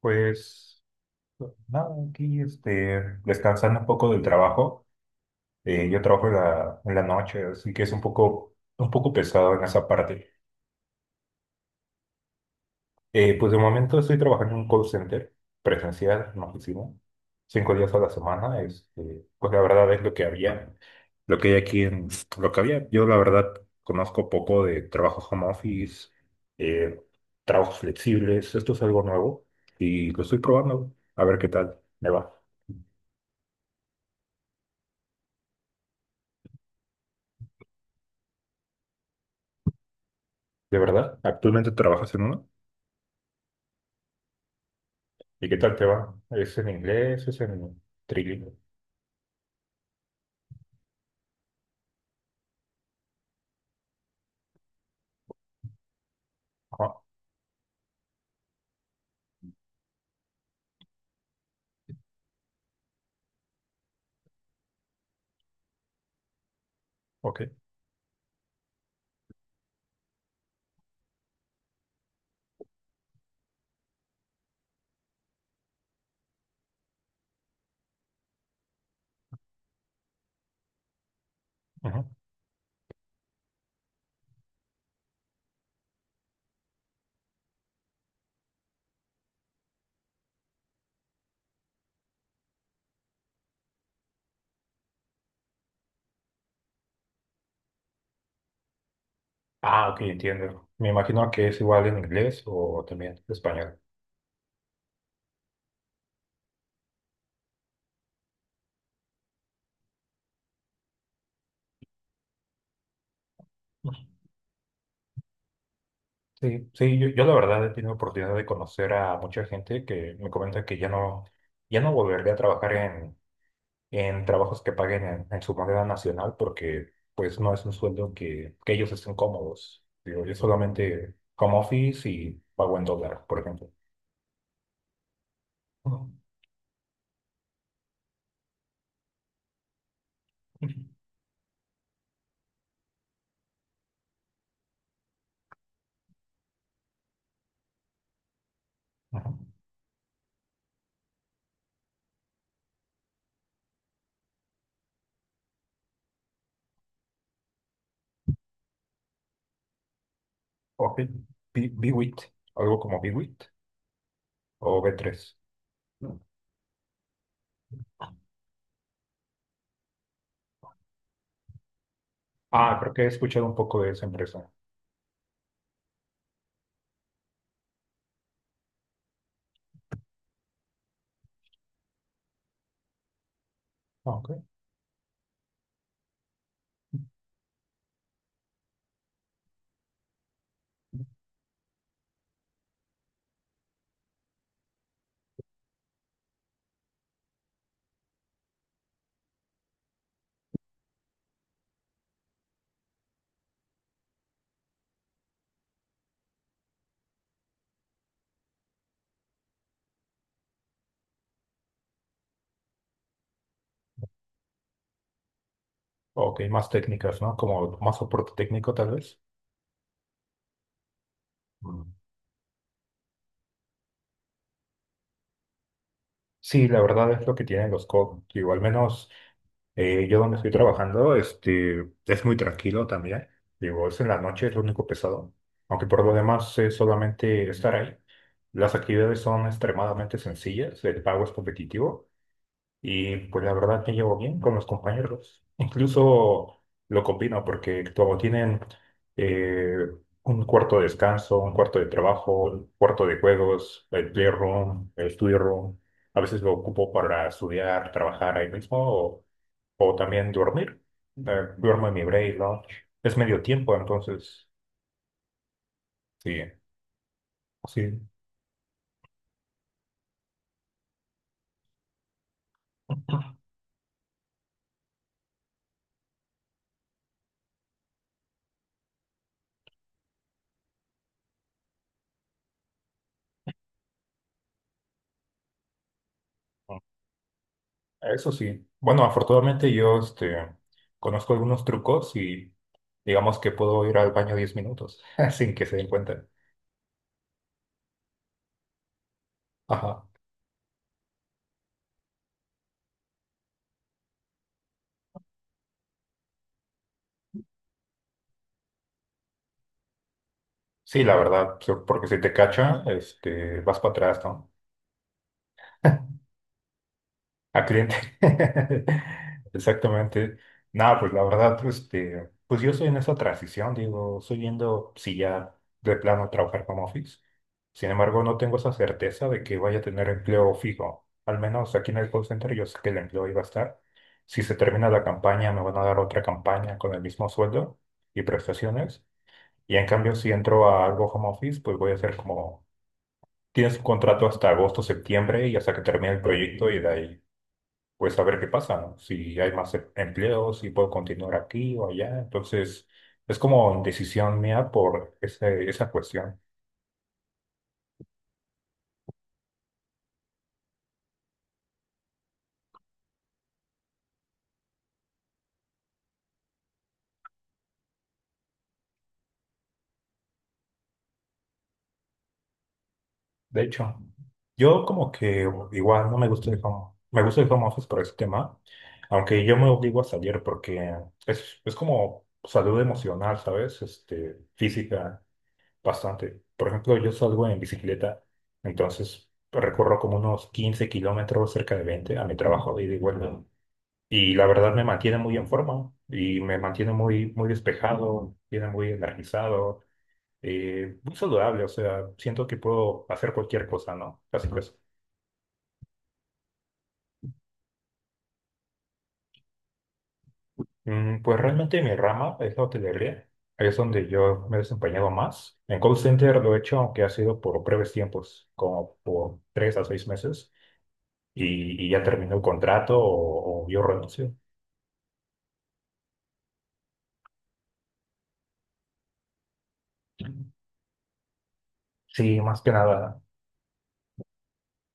Pues nada, aquí descansando un poco del trabajo. Yo trabajo en la noche, así que es un poco pesado en esa parte. Pues de momento estoy trabajando en un call center presencial, en oficina, cinco días a la semana. Pues la verdad es lo que había, lo que hay aquí en lo que había. Yo la verdad conozco poco de trabajo home office, eh, trabajos flexibles. Esto es algo nuevo y lo estoy probando a ver qué tal me va. ¿De verdad? ¿Actualmente trabajas en uno? ¿Y qué tal te va? ¿Es en inglés? ¿Es en trilingüe? Ah, ok. Ujú. Ah, ok, entiendo. Me imagino que es igual en inglés o también español. Ujú. Sí, sí, yo la verdad he tenido oportunidad de conocer a mucha gente que me comenta que ya no, ya no volvería a trabajar en trabajos que paguen en su moneda nacional porque pues no es un sueldo que ellos estén cómodos. Digo, yo solamente home office y pago en dólar, por ejemplo. Ujú. Ajá. Ok. Biwit, algo como Biwit o b tres. Ah, creo que he escuchado un poco de esa empresa. Ok. Ok, más técnicas, ¿no? Como más soporte técnico, tal vez. Mm. Sí, la verdad es lo que tienen los COD. Digo, al menos yo donde estoy trabajando, es muy tranquilo también. Digo, es en la noche, es lo único pesado. Aunque por lo demás es solamente estar ahí. Las actividades son extremadamente sencillas, el pago es competitivo. Y pues la verdad me llevo bien con los compañeros. Incluso lo combino porque como tienen eh, un cuarto de descanso, un cuarto de trabajo, un cuarto de juegos, el playroom, el study room. A veces lo ocupo para estudiar, trabajar ahí mismo o también dormir. Duermo en mi break, ¿no? Es medio tiempo, entonces sí, sí. Eso sí. Bueno, afortunadamente yo, conozco algunos trucos y digamos que puedo ir al baño 10 minutos sin que se den cuenta. Ajá. Sí, la verdad, porque si te cacha, vas para atrás, ¿no? A cliente. Exactamente. No, pues la verdad, pues, pues yo estoy en esa transición, digo, estoy viendo si ya de plano trabajar como office. Sin embargo, no tengo esa certeza de que vaya a tener empleo fijo. Al menos aquí en el call center yo sé que el empleo iba a estar. Si se termina la campaña, me van a dar otra campaña con el mismo sueldo y prestaciones. Y en cambio, si entro a algo home office, pues voy a hacer como, tienes un contrato hasta agosto, septiembre y hasta que termine el proyecto y de ahí pues a ver qué pasa, ¿no? Si hay más empleo, si puedo continuar aquí o allá. Entonces, es como decisión mía por esa cuestión. De hecho, yo como que igual no me gusta el home, me gusta el home office por ese tema, aunque yo me obligo a salir porque es como salud emocional, ¿sabes? Este, física, bastante. Por ejemplo, yo salgo en bicicleta, entonces recorro como unos 15 kilómetros, cerca de 20 a mi trabajo de ida y vuelta. Y la verdad me mantiene muy en forma y me mantiene muy despejado, tiene muy energizado, muy saludable. O sea, siento que puedo hacer cualquier cosa, ¿no? Así que, mm, pues realmente mi rama es la hotelería. Es donde yo me he desempeñado más. En call center lo he hecho, aunque ha sido por breves tiempos, como por tres a seis meses, y ya terminó el contrato o yo renuncio. Sí, más que nada.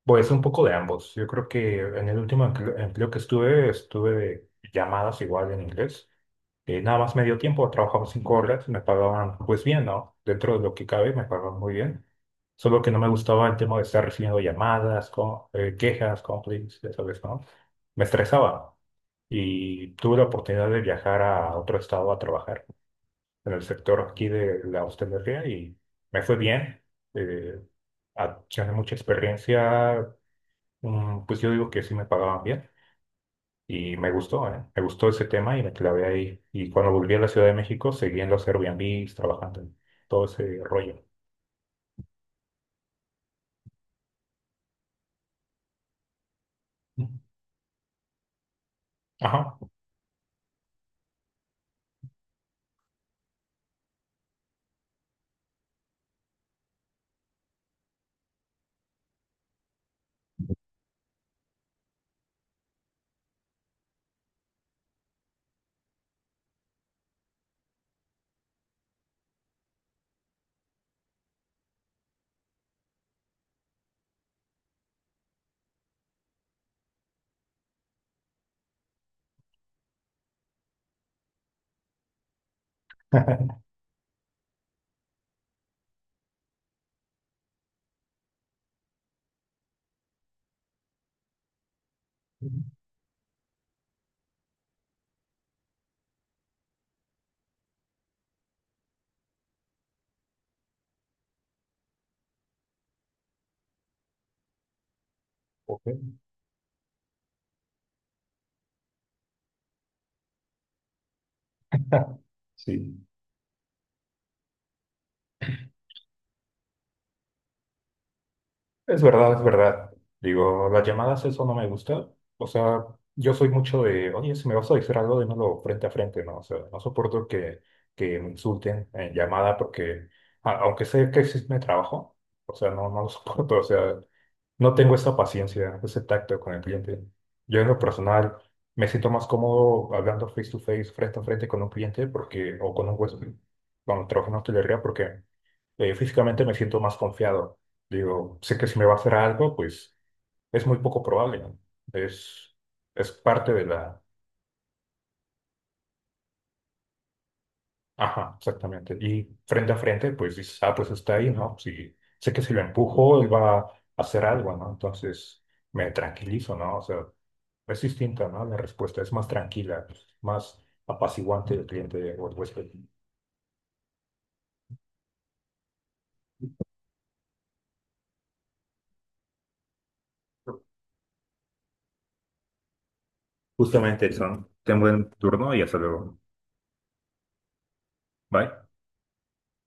Pues un poco de ambos. Yo creo que en el último empleo que estuve, estuve de llamadas igual en inglés. Nada más medio tiempo, trabajaba 5 horas, me pagaban pues bien, ¿no? Dentro de lo que cabe, me pagaban muy bien. Solo que no me gustaba el tema de estar recibiendo llamadas, quejas, complaints, ya sabes, ¿no? Me estresaba y tuve la oportunidad de viajar a otro estado a trabajar en el sector aquí de la hostelería y me fue bien. Eh, Gané mucha experiencia. Mm, pues yo digo que sí me pagaban bien y me gustó, ¿eh? Me gustó ese tema y me clavé ahí. Y cuando volví a la Ciudad de México, seguí en los Airbnbs trabajando en todo ese rollo. Ujú. Ajá. Ujú. Ok. Sí. Es verdad, es verdad. Digo, las llamadas, eso no me gusta. O sea, yo soy mucho de, oye, si me vas a decir algo, dímelo frente a frente, ¿no? O sea, no soporto que me insulten en llamada porque, aunque sé que existe mi trabajo, o sea, no, no lo soporto, o sea. No tengo esa paciencia, ese tacto con el cliente. Yo en lo personal me siento más cómodo hablando face to face, frente a frente con un cliente porque, o con un huésped, cuando trabajo en hostelería porque físicamente me siento más confiado. Digo, sé que si me va a hacer algo, pues es muy poco probable, ¿no? Es, es parte de la... Ajá, exactamente. Y frente a frente, pues dices, ah, pues está ahí, ¿no? Sí sé que si lo empujo, él va a hacer algo, ¿no? Entonces me tranquilizo, ¿no? O sea... Es distinta, ¿no? La respuesta es más tranquila, más apaciguante del cliente o el huésped. Justamente eso. Ten buen turno y hasta luego. Bye.